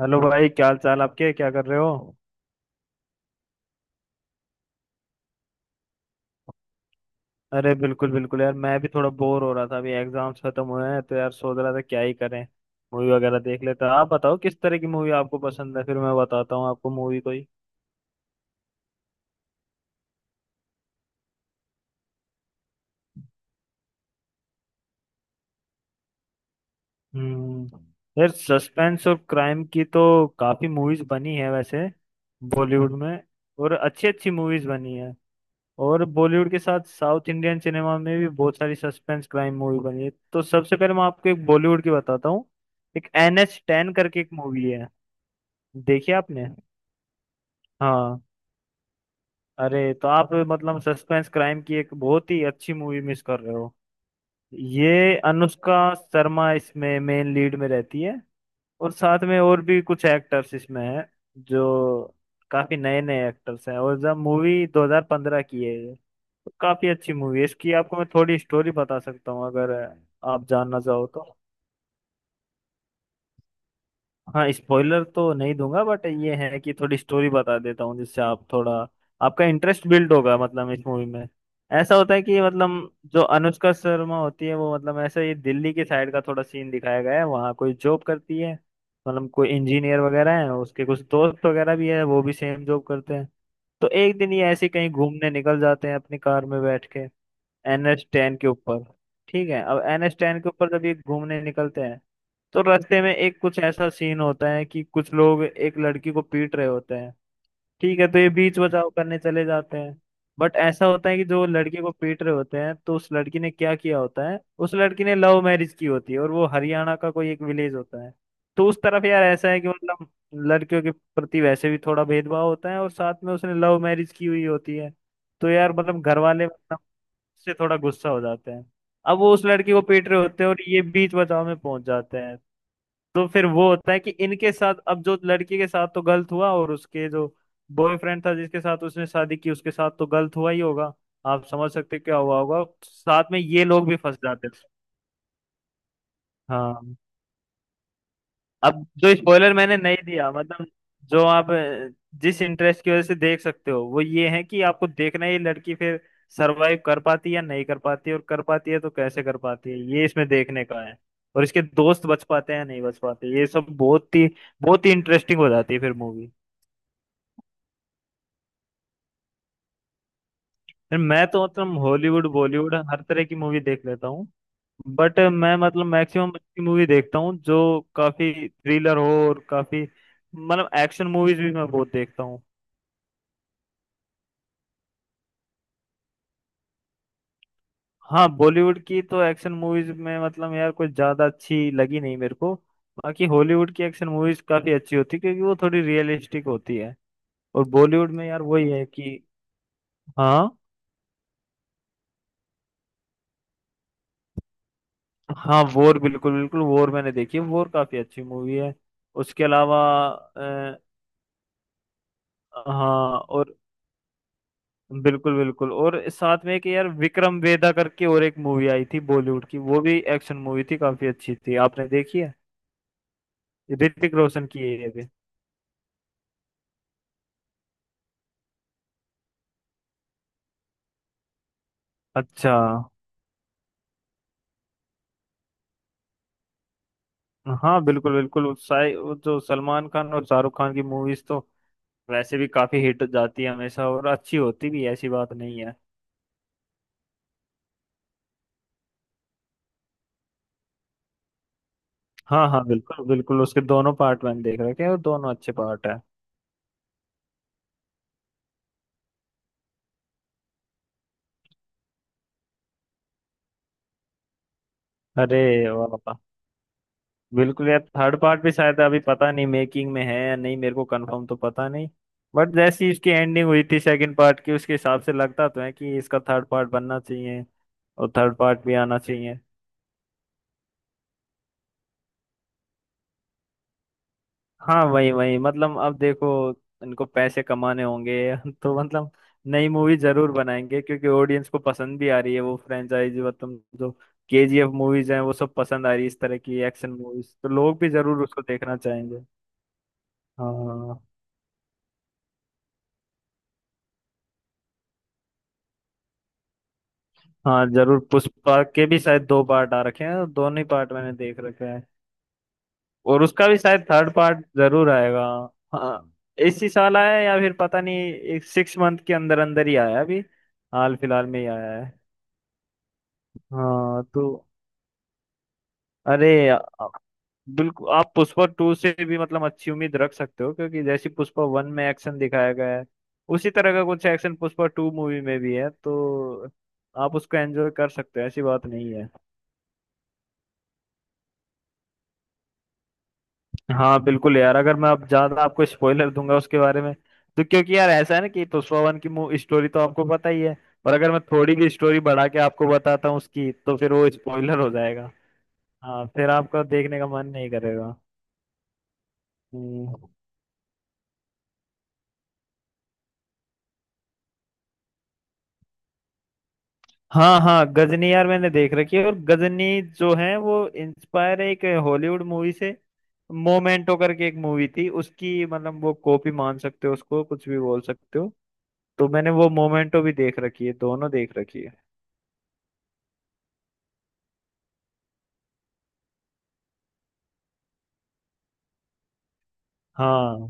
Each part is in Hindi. हेलो भाई, क्या हाल चाल आपके? क्या कर रहे हो? अरे बिल्कुल बिल्कुल यार, मैं भी थोड़ा बोर हो रहा था। अभी एग्जाम्स खत्म हुए हैं तो यार सोच रहा था क्या ही करें। मूवी वगैरह देख लेता। आप बताओ किस तरह की मूवी आपको पसंद है, फिर मैं बताता हूँ आपको मूवी कोई। हम्म। यार सस्पेंस और क्राइम की तो काफी मूवीज बनी है वैसे बॉलीवुड में, और अच्छी अच्छी मूवीज बनी है। और बॉलीवुड के साथ साउथ इंडियन सिनेमा में भी बहुत सारी सस्पेंस क्राइम मूवी बनी है, तो सबसे पहले मैं आपको एक बॉलीवुड की बताता हूँ। एक NH10 करके एक मूवी है। देखी आपने? हाँ। अरे तो आप मतलब सस्पेंस क्राइम की एक बहुत ही अच्छी मूवी मिस कर रहे हो। ये अनुष्का शर्मा इसमें मेन लीड में रहती है, और साथ में और भी कुछ एक्टर्स इसमें हैं जो काफी नए नए एक्टर्स हैं, और जब मूवी 2015 की है ये तो काफी अच्छी मूवी है। इसकी आपको मैं थोड़ी स्टोरी बता सकता हूँ अगर आप जानना चाहो तो। हाँ स्पॉइलर तो नहीं दूंगा, बट ये है कि थोड़ी स्टोरी बता देता हूँ जिससे आप थोड़ा आपका इंटरेस्ट बिल्ड होगा। मतलब इस मूवी में ऐसा होता है कि मतलब जो अनुष्का शर्मा होती है वो मतलब ऐसा, ये दिल्ली के साइड का थोड़ा सीन दिखाया गया है, वहाँ कोई जॉब करती है। मतलब कोई इंजीनियर वगैरह है, उसके कुछ दोस्त वगैरह भी है, वो भी सेम जॉब करते हैं। तो एक दिन ये ऐसे ही कहीं घूमने निकल जाते हैं अपनी कार में बैठ के NH10 के ऊपर। ठीक है, अब NH10 के ऊपर जब ये घूमने निकलते हैं तो रास्ते में एक कुछ ऐसा सीन होता है कि कुछ लोग एक लड़की को पीट रहे होते हैं। ठीक है, तो ये बीच बचाव करने चले जाते हैं। बट ऐसा होता है कि जो लड़के को पीट रहे होते हैं तो उस लड़की ने क्या किया होता है, उस लड़की ने लव मैरिज की होती है और वो हरियाणा का कोई एक विलेज होता है। तो उस तरफ यार ऐसा है कि मतलब लड़कियों के प्रति वैसे भी थोड़ा भेदभाव होता है, और साथ में उसने लव मैरिज की हुई होती है। तो यार मतलब घर वाले से थोड़ा गुस्सा हो जाते हैं। अब वो उस लड़की को पीट रहे होते हैं और ये बीच बचाव में पहुंच जाते हैं। तो फिर वो होता है कि इनके साथ, अब जो लड़की के साथ तो गलत हुआ और उसके जो बॉयफ्रेंड था जिसके साथ उसने शादी की उसके साथ तो गलत हुआ ही होगा, आप समझ सकते हैं क्या हुआ होगा, साथ में ये लोग भी फंस जाते हैं। हाँ। अब जो स्पॉइलर मैंने नहीं दिया मतलब, जो आप जिस इंटरेस्ट की वजह से देख सकते हो वो ये है कि आपको देखना है ये लड़की फिर सरवाइव कर पाती है या नहीं कर पाती है, और कर पाती है तो कैसे कर पाती है, ये इसमें देखने का है। और इसके दोस्त बच पाते हैं या नहीं बच पाते, ये सब बहुत ही इंटरेस्टिंग हो जाती है फिर मूवी। फिर मैं तो मतलब हॉलीवुड बॉलीवुड हर तरह की मूवी देख लेता हूँ, बट मैं मतलब मैक्सिमम अच्छी मूवी देखता हूँ जो काफी थ्रिलर हो, और काफी मतलब एक्शन मूवीज भी मैं बहुत देखता हूँ। हाँ बॉलीवुड की तो एक्शन मूवीज में मतलब यार कुछ ज्यादा अच्छी लगी नहीं मेरे को। बाकी हॉलीवुड की एक्शन मूवीज काफी अच्छी होती है क्योंकि वो थोड़ी रियलिस्टिक होती है। और बॉलीवुड में यार वही है कि हाँ हाँ वॉर बिल्कुल बिल्कुल, वॉर मैंने देखी है, वॉर काफी अच्छी मूवी है। उसके अलावा अ, हाँ और बिल्कुल बिल्कुल, और साथ में एक यार विक्रम वेदा करके और एक मूवी आई थी बॉलीवुड की, वो भी एक्शन मूवी थी काफी अच्छी थी। आपने देखी है? ऋतिक रोशन की है ये भी। अच्छा। हाँ बिल्कुल बिल्कुल उत्साह, वो जो सलमान खान और शाहरुख खान की मूवीज तो वैसे भी काफी हिट जाती है हमेशा, और अच्छी होती भी है, ऐसी बात नहीं है। हाँ हाँ बिल्कुल बिल्कुल, उसके दोनों पार्ट मैंने देख रखे हैं और दोनों अच्छे पार्ट है। अरे वाह वाह। बिल्कुल यार, थर्ड पार्ट भी शायद अभी पता नहीं मेकिंग में है या नहीं, मेरे को कंफर्म तो पता नहीं। बट जैसी इसकी एंडिंग हुई थी सेकंड पार्ट की उसके हिसाब से लगता तो है कि इसका थर्ड पार्ट बनना चाहिए और थर्ड पार्ट भी आना चाहिए। हाँ वही वही मतलब अब देखो, इनको पैसे कमाने होंगे तो मतलब नई मूवी जरूर बनाएंगे क्योंकि ऑडियंस को पसंद भी आ रही है वो फ्रेंचाइज, मतलब जो KGF मूवीज हैं वो सब पसंद आ रही है, इस तरह की एक्शन मूवीज तो लोग भी जरूर उसको देखना चाहेंगे। हाँ हाँ जरूर, पुष्पा के भी शायद दो पार्ट आ रखे हैं, दोनों ही पार्ट मैंने देख रखे हैं, और उसका भी शायद थर्ड पार्ट जरूर आएगा। हाँ इसी साल आया है या फिर पता नहीं, एक 6 मंथ के अंदर अंदर ही आया है, अभी हाल फिलहाल में ही आया है। हाँ तो अरे बिल्कुल आप पुष्पा टू से भी मतलब अच्छी उम्मीद रख सकते हो क्योंकि जैसे पुष्पा वन में एक्शन दिखाया गया है उसी तरह का कुछ एक्शन पुष्पा टू मूवी में भी है, तो आप उसको एंजॉय कर सकते हो, ऐसी बात नहीं है। हाँ बिल्कुल यार, अगर मैं अब ज्यादा आपको स्पॉइलर दूंगा उसके बारे में तो, क्योंकि यार ऐसा है ना कि पुष्पा वन की स्टोरी तो आपको पता ही है, और अगर मैं थोड़ी भी स्टोरी बढ़ा के आपको बताता हूँ उसकी तो फिर वो स्पॉइलर हो जाएगा। हाँ फिर आपका देखने का मन नहीं करेगा। हम्म। हाँ हाँ गजनी यार मैंने देख रखी है, और गजनी जो है वो इंस्पायर है एक हॉलीवुड मूवी से, मोमेंटो करके एक मूवी थी उसकी, मतलब वो कॉपी मान सकते हो उसको, कुछ भी बोल सकते हो। तो मैंने वो मोमेंटो भी देख रखी है, दोनों देख रखी है। हाँ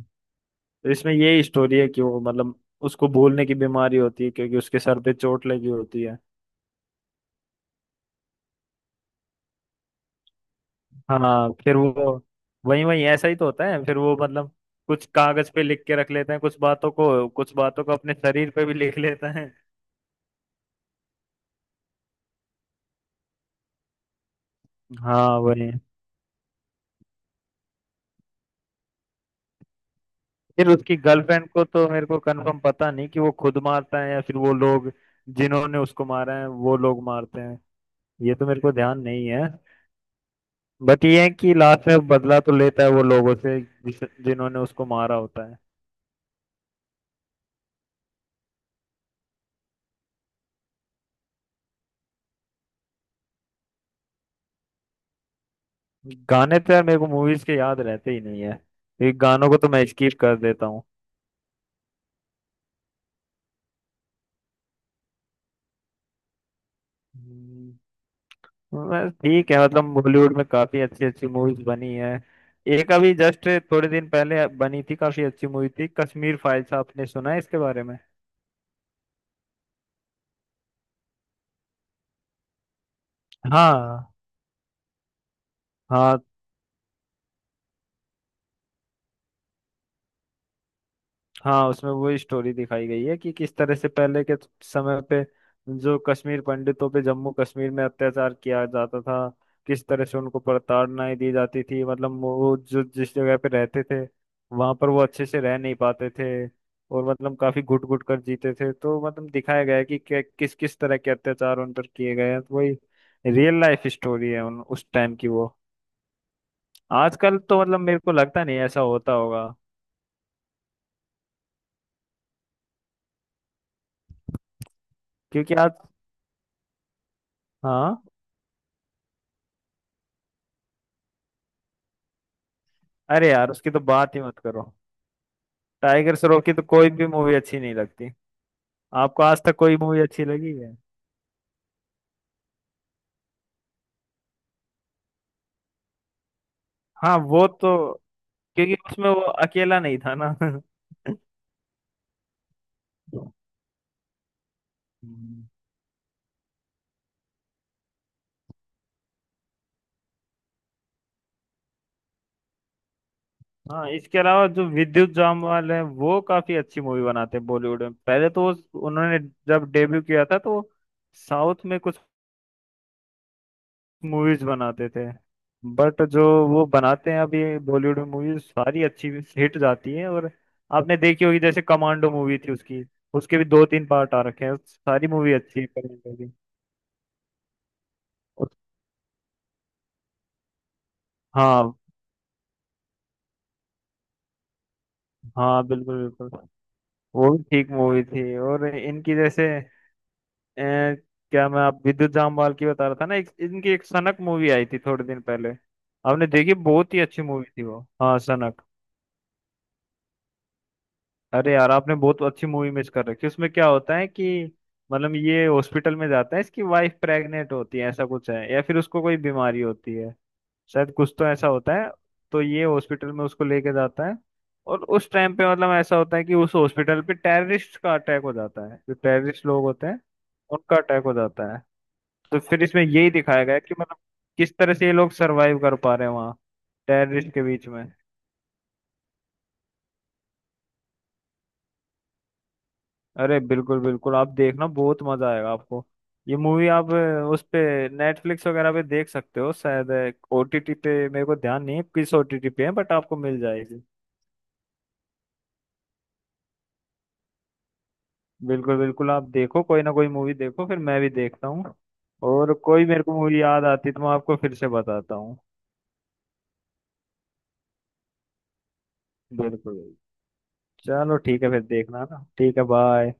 तो इसमें यही स्टोरी है कि वो मतलब उसको भूलने की बीमारी होती है क्योंकि उसके सर पे चोट लगी होती है। हाँ फिर वो वही वही ऐसा ही तो होता है, फिर वो मतलब कुछ कागज पे लिख के रख लेते हैं कुछ बातों को, कुछ बातों को अपने शरीर पे भी लिख लेते हैं। हाँ वही, फिर उसकी गर्लफ्रेंड को तो मेरे को कंफर्म पता नहीं कि वो खुद मारता है या फिर वो लोग जिन्होंने उसको मारा है वो लोग मारते हैं, ये तो मेरे को ध्यान नहीं है। बट ये है कि लास्ट में बदला तो लेता है वो लोगों से जिस जिन्होंने उसको मारा होता है। गाने तो यार मेरे को मूवीज के याद रहते ही नहीं है, ये गानों को तो मैं स्किप कर देता हूँ। बस ठीक है, मतलब बॉलीवुड में काफी अच्छी अच्छी मूवीज बनी है। एक अभी जस्ट थोड़े दिन पहले बनी थी काफी अच्छी मूवी थी, कश्मीर फाइल्स। आपने सुना है इसके बारे में? हाँ। हाँ हाँ उसमें वो स्टोरी दिखाई गई है कि किस तरह से पहले के समय पे जो कश्मीर पंडितों पे जम्मू कश्मीर में अत्याचार किया जाता था, किस तरह से उनको प्रताड़नाएं दी जाती थी, मतलब वो जो जिस जगह पे रहते थे वहां पर वो अच्छे से रह नहीं पाते थे और मतलब काफी घुट घुट कर जीते थे, तो मतलब दिखाया गया है कि किस किस तरह के अत्याचार उन पर किए गए हैं, तो वही रियल लाइफ स्टोरी है उन उस टाइम की वो। आजकल तो मतलब मेरे को लगता नहीं ऐसा होता होगा क्योंकि आज। हाँ अरे यार उसकी तो बात ही मत करो। टाइगर श्रॉफ की तो कोई भी मूवी अच्छी नहीं लगती। आपको आज तक कोई मूवी अच्छी लगी है? हाँ वो तो, क्योंकि उसमें वो अकेला नहीं था ना हम्म। हाँ इसके अलावा जो विद्युत जामवाल है वो काफी अच्छी मूवी बनाते हैं बॉलीवुड में, पहले तो उन्होंने जब डेब्यू किया था तो साउथ में कुछ मूवीज बनाते थे, बट जो वो बनाते हैं अभी बॉलीवुड में मूवीज सारी अच्छी हिट जाती हैं, और आपने देखी होगी जैसे कमांडो मूवी थी उसकी, उसके भी दो तीन पार्ट आ रखे हैं, सारी मूवी अच्छी है कमांडो की। उस- हाँ हाँ बिल्कुल बिल्कुल, वो भी ठीक मूवी थी। और इनकी जैसे अ, क्या मैं आप विद्युत जामवाल की बता रहा था ना इनकी एक सनक मूवी आई थी थोड़े दिन पहले। आपने देखी? बहुत ही अच्छी मूवी थी वो, हाँ सनक। अरे यार आपने बहुत अच्छी मूवी मिस कर रखी है। उसमें क्या होता है कि मतलब ये हॉस्पिटल में जाता है, इसकी वाइफ प्रेग्नेंट होती है, ऐसा कुछ है या फिर उसको कोई बीमारी होती है शायद, कुछ तो ऐसा होता है। तो ये हॉस्पिटल में उसको लेके जाता है, और उस टाइम पे मतलब ऐसा होता है कि उस हॉस्पिटल पे टेररिस्ट का अटैक हो जाता है, जो टेररिस्ट लोग होते हैं उनका अटैक हो जाता है। तो फिर इसमें यही दिखाया गया है कि मतलब किस तरह से ये लोग सरवाइव कर पा रहे हैं वहाँ टेररिस्ट के बीच में। अरे बिल्कुल बिल्कुल आप देखना बहुत मजा आएगा आपको। ये मूवी आप उस पे नेटफ्लिक्स वगैरह पे देख सकते हो शायद। OTT पे मेरे को ध्यान नहीं है किस OTT पे है, बट आपको मिल जाएगी। बिल्कुल बिल्कुल आप देखो, कोई ना कोई मूवी देखो, फिर मैं भी देखता हूँ, और कोई मेरे को मूवी याद आती तो मैं आपको फिर से बताता हूँ। बिल्कुल। चलो ठीक है फिर, देखना ना, ठीक है बाय।